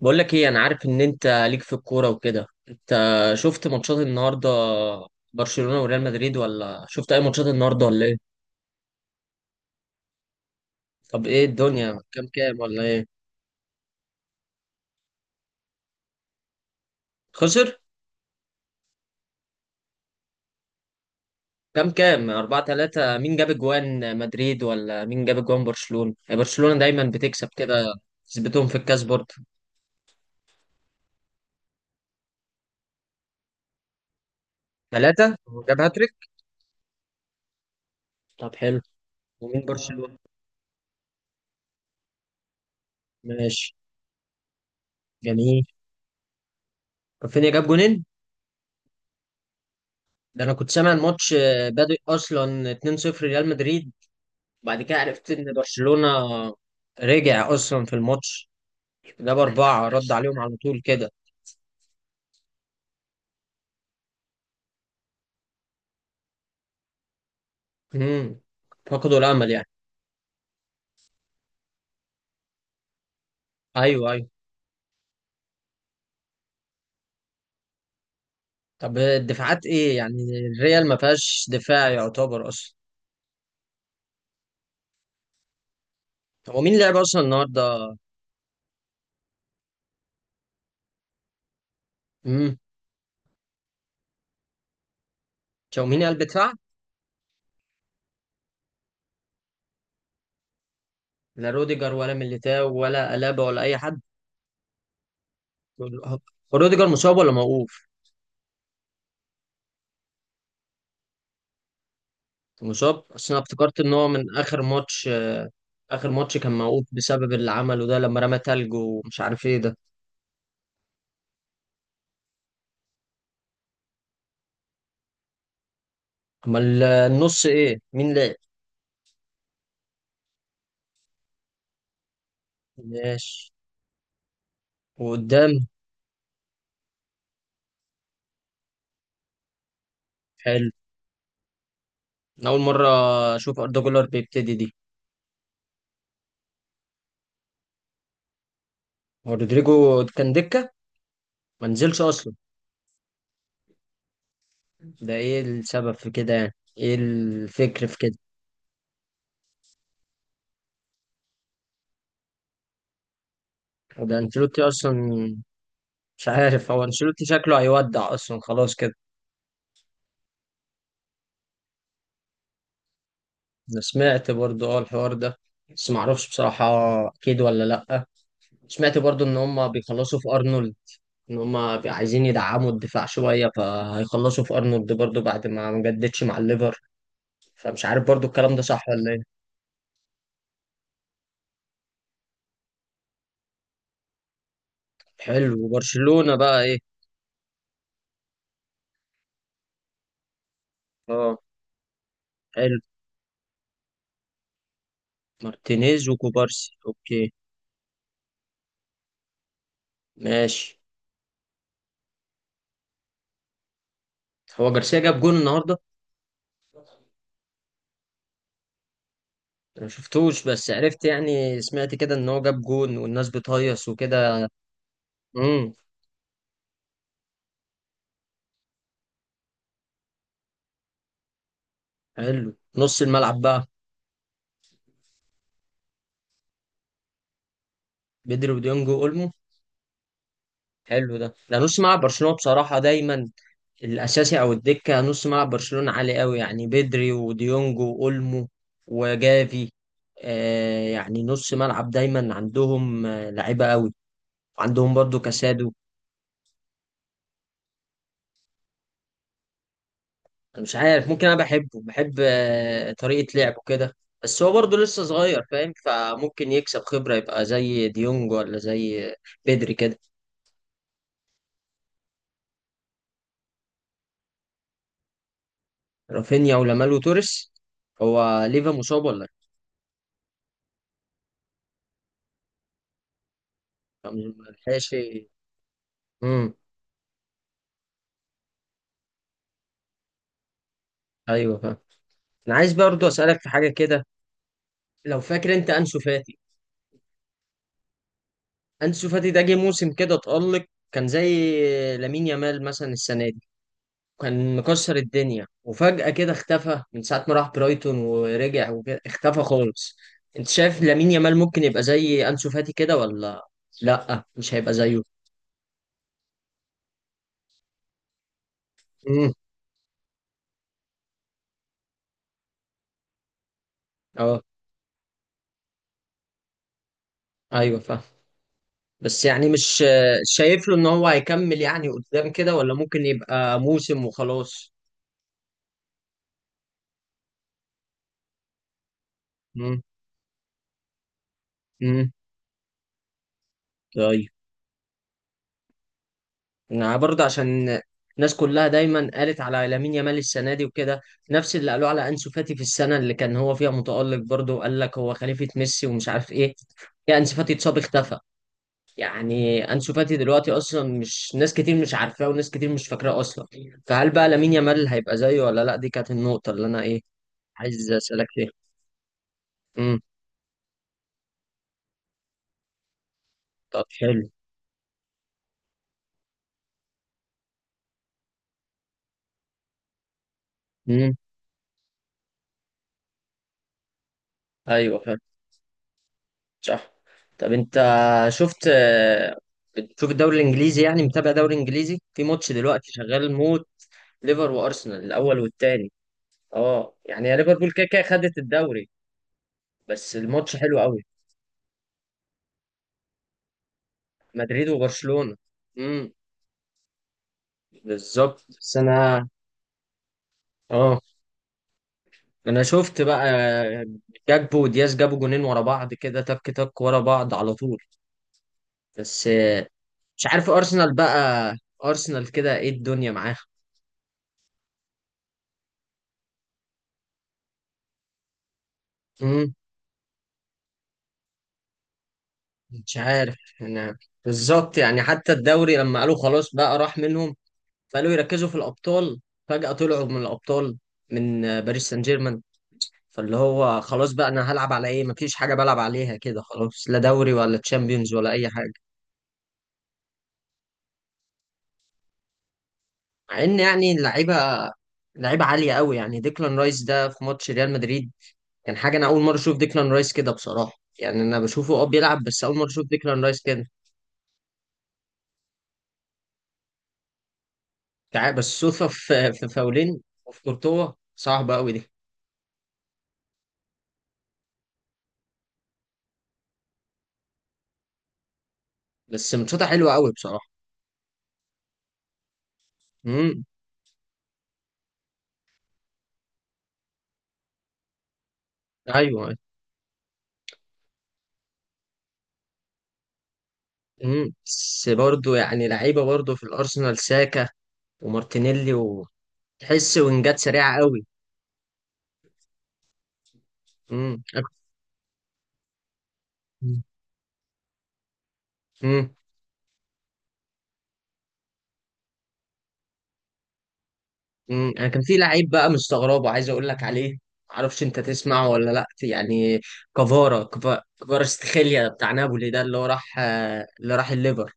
بقول لك ايه، انا عارف ان انت ليك في الكوره وكده. انت شفت ماتشات النهارده؟ برشلونه وريال مدريد، ولا شفت اي ماتشات النهارده ولا ايه؟ طب ايه الدنيا، كام كام ولا ايه؟ خسر كام كام؟ 4-3. مين جاب اجوان مدريد ولا مين جاب اجوان برشلونه؟ يعني برشلونه دايما بتكسب كده، تثبتهم في الكاس برضه. 3، جاب هاتريك. طب حلو. ومين برشلونه؟ ماشي. جميل. رافينيا جاب جونين. ده انا كنت سامع الماتش بادئ اصلا 2-0 ريال مدريد، بعد كده عرفت ان برشلونة رجع اصلا في الماتش. جاب اربعة، رد عليهم على طول كده. امم فقدوا الامل يعني. ايوه ايوه، طب الدفاعات ايه يعني؟ الريال ما فيهاش دفاع يعتبر اصلا. هو مين لعب اصلا النهارده؟ امم تشاوميني قلب دفاع؟ لا روديجر ولا ميليتاو ولا الابا ولا اي حد؟ هو روديجر مصاب ولا موقوف؟ مصاب، اصل انا افتكرت ان هو من اخر ماتش. اخر ماتش كان موقوف بسبب اللي عمله ده لما رمى تلج ومش عارف ايه ده. امال النص ايه، مين لعب؟ ماشي. وقدام؟ حلو. انا اول مره اشوف اردا جولر بيبتدي دي. هو رودريجو كان دكه، ما نزلش اصلا؟ ده ايه السبب في كده يعني، ايه الفكر في كده؟ وده انشيلوتي اصلا، مش عارف هو انشيلوتي شكله هيودع اصلا خلاص كده. انا سمعت برضو اه الحوار ده، بس معرفش بصراحه اكيد ولا لا. سمعت برضو ان هم بيخلصوا في ارنولد، ان هم عايزين يدعموا الدفاع شويه فهيخلصوا في ارنولد برضو بعد ما جددش مع الليفر، فمش عارف برضو الكلام ده صح ولا ايه. حلو، وبرشلونه بقى ايه؟ اه. حلو. مارتينيز وكوبارسي، اوكي. ماشي. هو جارسيا جاب جون النهارده؟ انا ما شفتوش، بس عرفت يعني، سمعت كده ان هو جاب جون والناس بتهيص وكده. امم. حلو. نص الملعب بقى؟ بدري وديونج واولمو. حلو. ده نص ملعب برشلونه بصراحه، دايما الاساسي او الدكه نص ملعب برشلونه عالي قوي، يعني بدري وديونج واولمو وجافي، آه، يعني نص ملعب دايما عندهم آه لعيبه قوي. عندهم برضو كاسادو. انا مش عارف، ممكن انا بحبه، بحب آه طريقه لعبه كده، بس هو برضو لسه صغير فاهم، فممكن يكسب خبره يبقى زي ديونج ولا زي بدري كده. رافينيا ولامال وتوريس. هو ليفا مصاب ولا إيه؟ فما لحقش. امم. ايوه فاهم. انا عايز برضو اسالك في حاجه كده. لو فاكر انت انسو فاتي، انسو فاتي ده جه موسم كده اتألق، كان زي لامين يامال مثلا السنه دي، كان مكسر الدنيا وفجأة كده اختفى من ساعه ما راح برايتون ورجع وكده اختفى خالص. انت شايف لامين يامال ممكن يبقى زي انسو فاتي كده ولا لا، مش هيبقى زيه؟ امم. اه ايوه فاهم. بس يعني مش شايف له ان هو هيكمل يعني قدام كده ولا ممكن يبقى موسم وخلاص؟ امم. امم. طيب. يعني برضه عشان الناس كلها دايما قالت على لامين يامال السنه دي وكده، نفس اللي قالوه على انسو فاتي في السنه اللي كان هو فيها متالق برضه، وقال لك هو خليفه ميسي ومش عارف ايه، يا انسو فاتي اتصاب اختفى. يعني انسو فاتي دلوقتي اصلا مش ناس كتير مش عارفاه، وناس كتير مش فاكراه اصلا. فهل بقى لامين يامال هيبقى زيه ولا لا؟ دي كانت النقطه اللي انا ايه عايز اسالك فيها. امم. طب حلو. امم. ايوه. صح. طب انت شفت، بتشوف الدوري الانجليزي؟ يعني متابع دوري انجليزي؟ في ماتش دلوقتي شغال موت، ليفر وارسنال، الاول والتاني. اه يعني يا ليفربول كده كده خدت الدوري، بس الماتش حلو قوي. مدريد وبرشلونة. امم. بالظبط. بس انا اه، انا شفت بقى جاكبو ودياز جابوا جونين ورا بعض كده، تك تك ورا بعض على طول. بس مش عارف ارسنال بقى، ارسنال كده ايه الدنيا معاها؟ مش عارف انا بالظبط يعني، حتى الدوري لما قالوا خلاص بقى راح منهم، فقالوا يركزوا في الابطال، فجأة طلعوا من الابطال، من باريس سان جيرمان. فاللي هو خلاص بقى انا هلعب على ايه؟ مفيش حاجة بلعب عليها كده خلاص، لا دوري ولا تشامبيونز ولا اي حاجة. مع ان يعني اللعيبة، لعيبة عالية قوي، يعني ديكلان رايس ده في ماتش ريال مدريد كان حاجة، انا اول مرة اشوف ديكلان رايس كده بصراحة. يعني انا بشوفه اه بيلعب، بس اول مرة اشوف ديكلان رايس كده. بس صدفة في فاولين وفي كورتوا صعبة قوي دي. بس ماتشاتها حلوه قوي بصراحه. امم. ايوه. امم. بس برضه يعني لعيبه برضه في الارسنال، ساكا ومارتينيلي، وتحس وينجات سريعه قوي. امم. امم. انا كان في لعيب بقى مستغربه عايز اقول لك عليه، معرفش انت تسمعه ولا لا يعني. كفارا استخيليا بتاع نابولي ده، اللي هو راح اللي راح الليفر.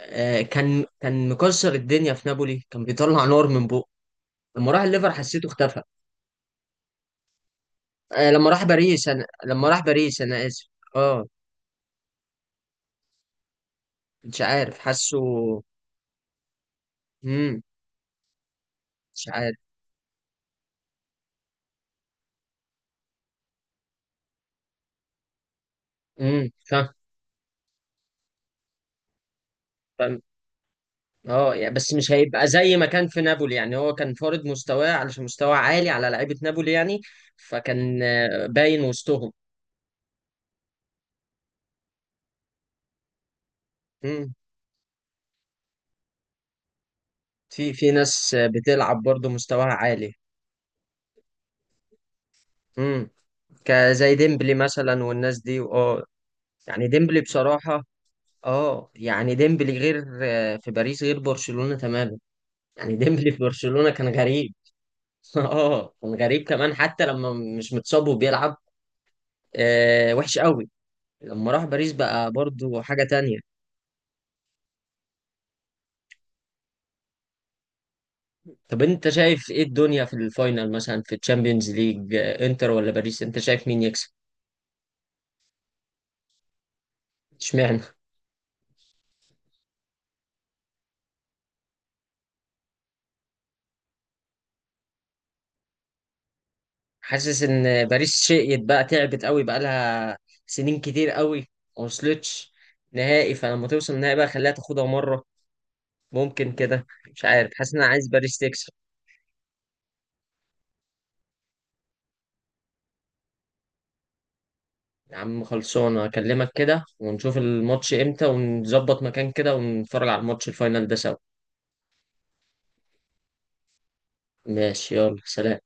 كان مكسر الدنيا في نابولي، كان بيطلع نار من بقه. لما راح الليفر حسيته اختفى. آه لما راح باريس، انا اسف، اه مش عارف حاسه. امم. مش عارف. فاهم. فاهم. اه يعني بس مش هيبقى زي ما كان في نابولي يعني، هو كان فارض مستواه علشان مستوى عالي على لعيبة نابولي يعني، فكان باين وسطهم. امم. في ناس بتلعب برضه مستواها عالي. امم. كزي ديمبلي مثلا والناس دي، اه يعني ديمبلي بصراحة، اه يعني ديمبلي غير في باريس، غير برشلونة تماما. يعني ديمبلي في برشلونة كان غريب. اه كان غريب كمان حتى لما مش متصاب وبيلعب، آه وحش قوي. لما راح باريس بقى برضو حاجة تانية. طب انت شايف ايه الدنيا في الفاينل، مثلا في الشامبيونز ليج، انتر ولا باريس؟ انت شايف مين يكسب؟ اشمعنى؟ حاسس ان باريس شقيت بقى، تعبت قوي، بقى لها سنين كتير قوي ما وصلتش نهائي، فلما توصل النهائي بقى خليها تاخدها مرة، ممكن كده. مش عارف، حاسس ان انا عايز باريس تكسب. يا عم خلصانة، أكلمك كده ونشوف الماتش إمتى ونظبط مكان كده، ونتفرج على الماتش الفاينل ده سوا. ماشي، يلا سلام.